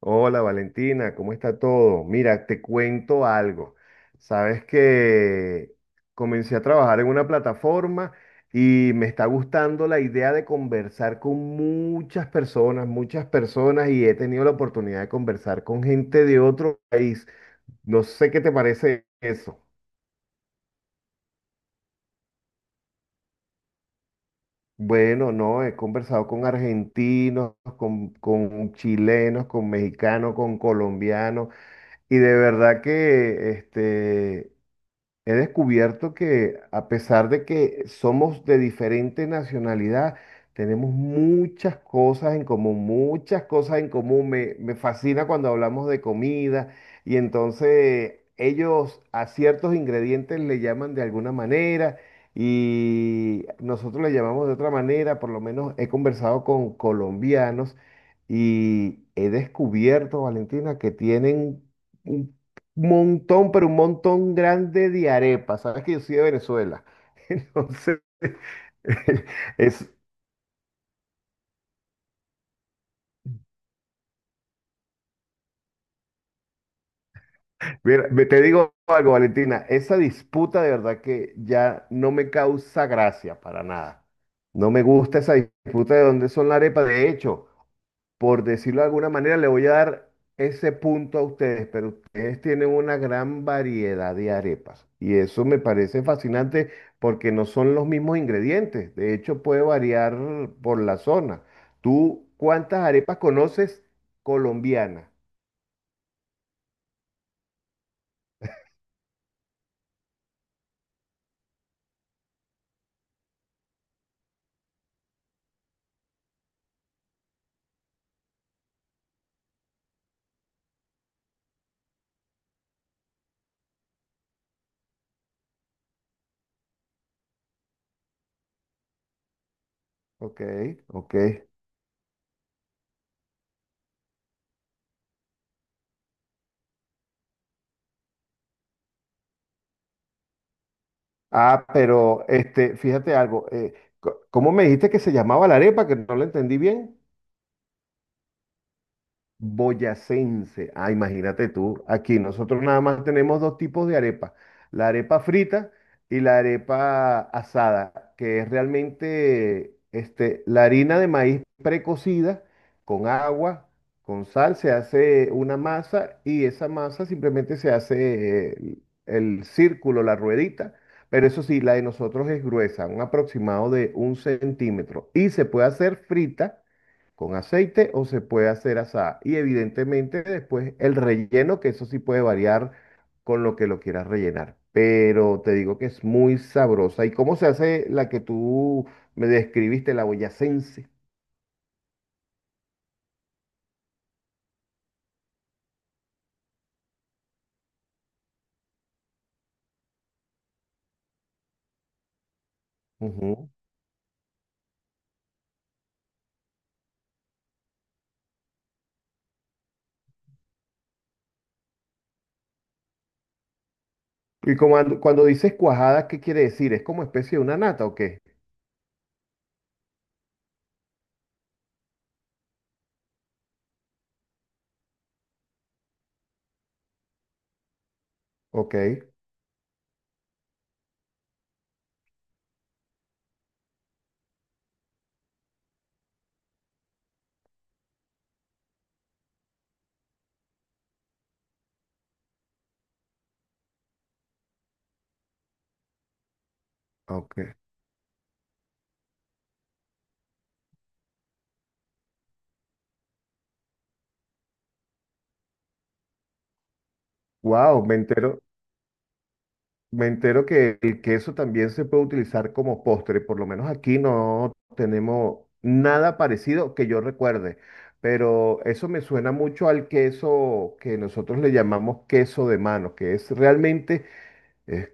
Hola Valentina, ¿cómo está todo? Mira, te cuento algo. Sabes que comencé a trabajar en una plataforma y me está gustando la idea de conversar con muchas personas y he tenido la oportunidad de conversar con gente de otro país. No sé qué te parece eso. Bueno, no, he conversado con argentinos, con chilenos, con mexicanos, con colombianos. Y de verdad que he descubierto que a pesar de que somos de diferente nacionalidad, tenemos muchas cosas en común, muchas cosas en común. Me fascina cuando hablamos de comida y entonces ellos a ciertos ingredientes le llaman de alguna manera y nosotros le llamamos de otra manera. Por lo menos he conversado con colombianos y he descubierto, Valentina, que tienen montón, pero un montón grande de arepas. Sabes que yo soy de Venezuela. Entonces, es, mira, te digo algo, Valentina, esa disputa de verdad que ya no me causa gracia para nada. No me gusta esa disputa de dónde son las arepas. De hecho, por decirlo de alguna manera, le voy a dar ese punto a ustedes, pero ustedes tienen una gran variedad de arepas. Y eso me parece fascinante porque no son los mismos ingredientes. De hecho, puede variar por la zona. ¿Tú cuántas arepas conoces colombianas? Ok, ok. Ah, pero fíjate algo. ¿Cómo me dijiste que se llamaba la arepa? Que no la entendí bien. Boyacense. Ah, imagínate tú, aquí nosotros nada más tenemos dos tipos de arepa, la arepa frita y la arepa asada, que es realmente la harina de maíz precocida con agua, con sal, se hace una masa y esa masa simplemente se hace el círculo, la ruedita. Pero eso sí, la de nosotros es gruesa, un aproximado de un centímetro. Y se puede hacer frita con aceite o se puede hacer asada. Y evidentemente después el relleno, que eso sí puede variar con lo que lo quieras rellenar. Pero te digo que es muy sabrosa. ¿Y cómo se hace la que tú me describiste, la boyacense? Ujú. Y como cuando dices cuajada, ¿qué quiere decir? ¿Es como especie de una nata o qué? Ok, ok. Wow, me entero. Me entero que el queso también se puede utilizar como postre, por lo menos aquí no tenemos nada parecido que yo recuerde, pero eso me suena mucho al queso que nosotros le llamamos queso de mano, que es realmente es-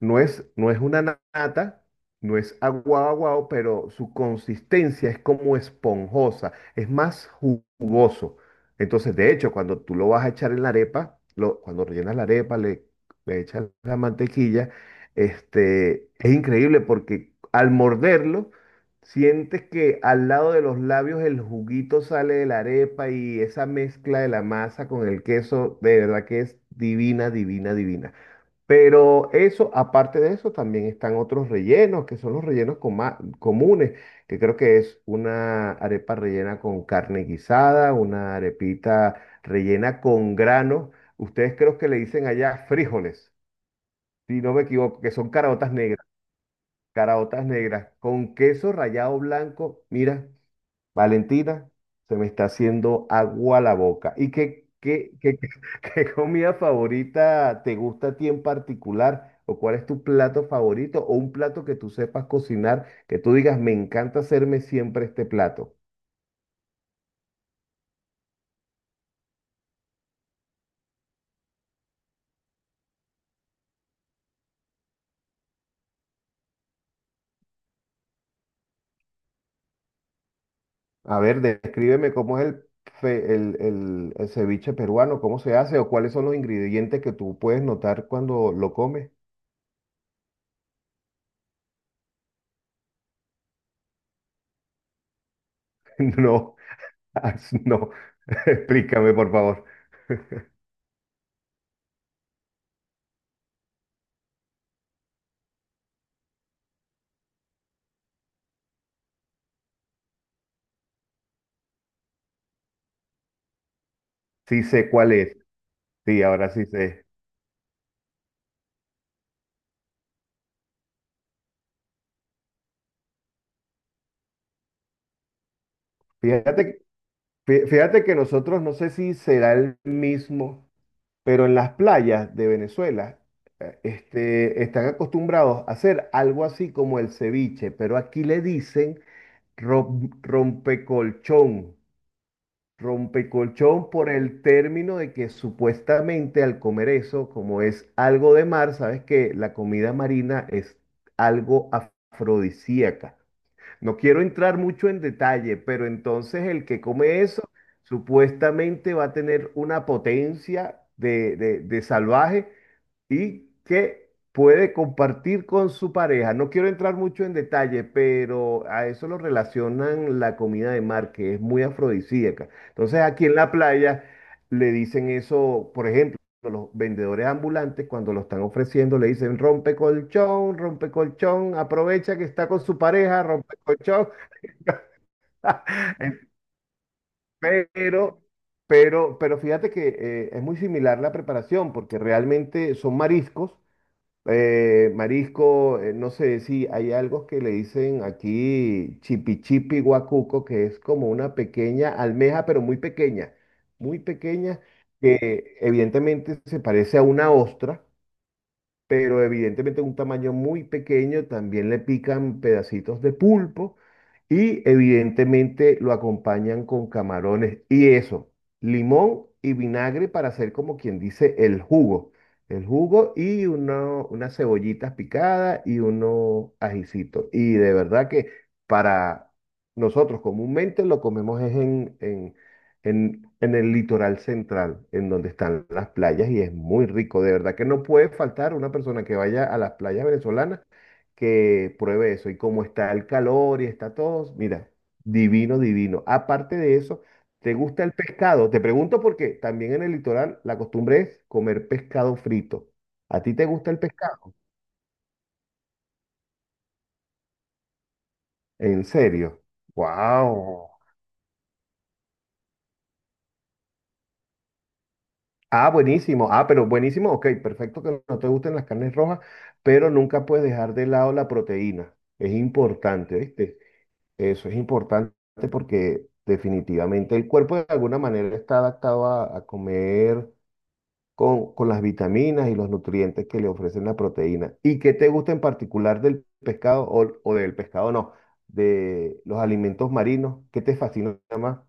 no es, no es una nata, no es aguado aguado, pero su consistencia es como esponjosa, es más jugoso. Entonces, de hecho, cuando tú lo vas a echar en la arepa, cuando rellenas la arepa, le echas la mantequilla, este, es increíble porque al morderlo, sientes que al lado de los labios el juguito sale de la arepa y esa mezcla de la masa con el queso, de verdad que es divina, divina, divina. Pero eso, aparte de eso, también están otros rellenos, que son los rellenos comunes, que creo que es una arepa rellena con carne guisada, una arepita rellena con granos. Ustedes creo que le dicen allá frijoles, si no me equivoco, que son caraotas negras, con queso rallado blanco. Mira. Valentina, se me está haciendo agua la boca. ¿Y qué comida favorita te gusta a ti en particular? ¿O cuál es tu plato favorito? ¿O un plato que tú sepas cocinar, que tú digas, me encanta hacerme siempre este plato? A ver, descríbeme cómo es el, fe- el ceviche peruano, cómo se hace o cuáles son los ingredientes que tú puedes notar cuando lo comes. No, no, explícame por favor. Sí sé cuál es. Sí, ahora sí sé. Fíjate Fíjate que nosotros, no sé si será el mismo, pero en las playas de Venezuela, están acostumbrados a hacer algo así como el ceviche, pero aquí le dicen rompecolchón. Rompecolchón por el término de que supuestamente al comer eso, como es algo de mar, sabes que la comida marina es algo afrodisíaca. No quiero entrar mucho en detalle, pero entonces el que come eso supuestamente va a tener una potencia de salvaje y que puede compartir con su pareja. No quiero entrar mucho en detalle, pero a eso lo relacionan la comida de mar, que es muy afrodisíaca. Entonces aquí en la playa le dicen eso, por ejemplo, los vendedores ambulantes cuando lo están ofreciendo le dicen rompe colchón, aprovecha que está con su pareja, rompe colchón. Pero... Pero fíjate que es muy similar la preparación, porque realmente son mariscos, no sé si hay algo que le dicen aquí chipi chipi guacuco, que es como una pequeña almeja, pero muy pequeña, que evidentemente se parece a una ostra pero evidentemente un tamaño muy pequeño, también le pican pedacitos de pulpo y evidentemente lo acompañan con camarones y eso, limón y vinagre para hacer como quien dice el jugo y unas cebollitas picadas y unos ajicitos. Y de verdad que para nosotros comúnmente lo comemos es en el litoral central, en donde están las playas, y es muy rico. De verdad que no puede faltar una persona que vaya a las playas venezolanas que pruebe eso. Y como está el calor y está todo, mira, divino, divino. Aparte de eso, ¿te gusta el pescado? Te pregunto porque también en el litoral la costumbre es comer pescado frito. ¿A ti te gusta el pescado? ¿En serio? ¡Wow! Ah, buenísimo. Ah, pero buenísimo. Ok, perfecto que no te gusten las carnes rojas, pero nunca puedes dejar de lado la proteína. Es importante, ¿viste? Eso es importante porque definitivamente el cuerpo de alguna manera está adaptado a comer con las vitaminas y los nutrientes que le ofrecen la proteína. ¿Y qué te gusta en particular del pescado o del pescado no? De los alimentos marinos, ¿qué te fascina más?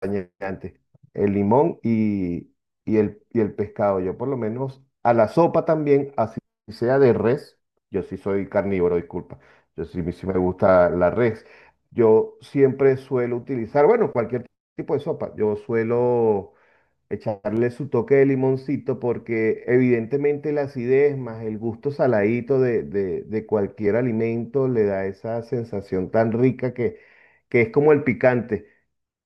Acompañante, el limón y el pescado. Yo por lo menos a la sopa también, así sea de res, yo sí soy carnívoro, disculpa, yo sí, sí me gusta la res. Yo siempre suelo utilizar, bueno, cualquier tipo de sopa, yo suelo echarle su toque de limoncito porque evidentemente la acidez más el gusto saladito de cualquier alimento le da esa sensación tan rica que es como el picante.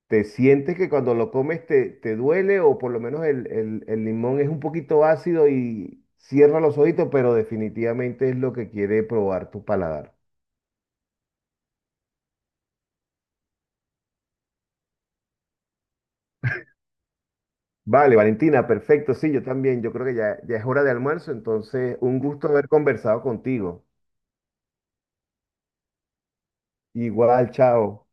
¿Te sientes que cuando lo comes te duele o por lo menos el limón es un poquito ácido y cierra los ojitos, pero definitivamente es lo que quiere probar tu paladar? Vale, Valentina, perfecto. Sí, yo también. Yo creo que ya es hora de almuerzo, entonces un gusto haber conversado contigo. Igual, chao.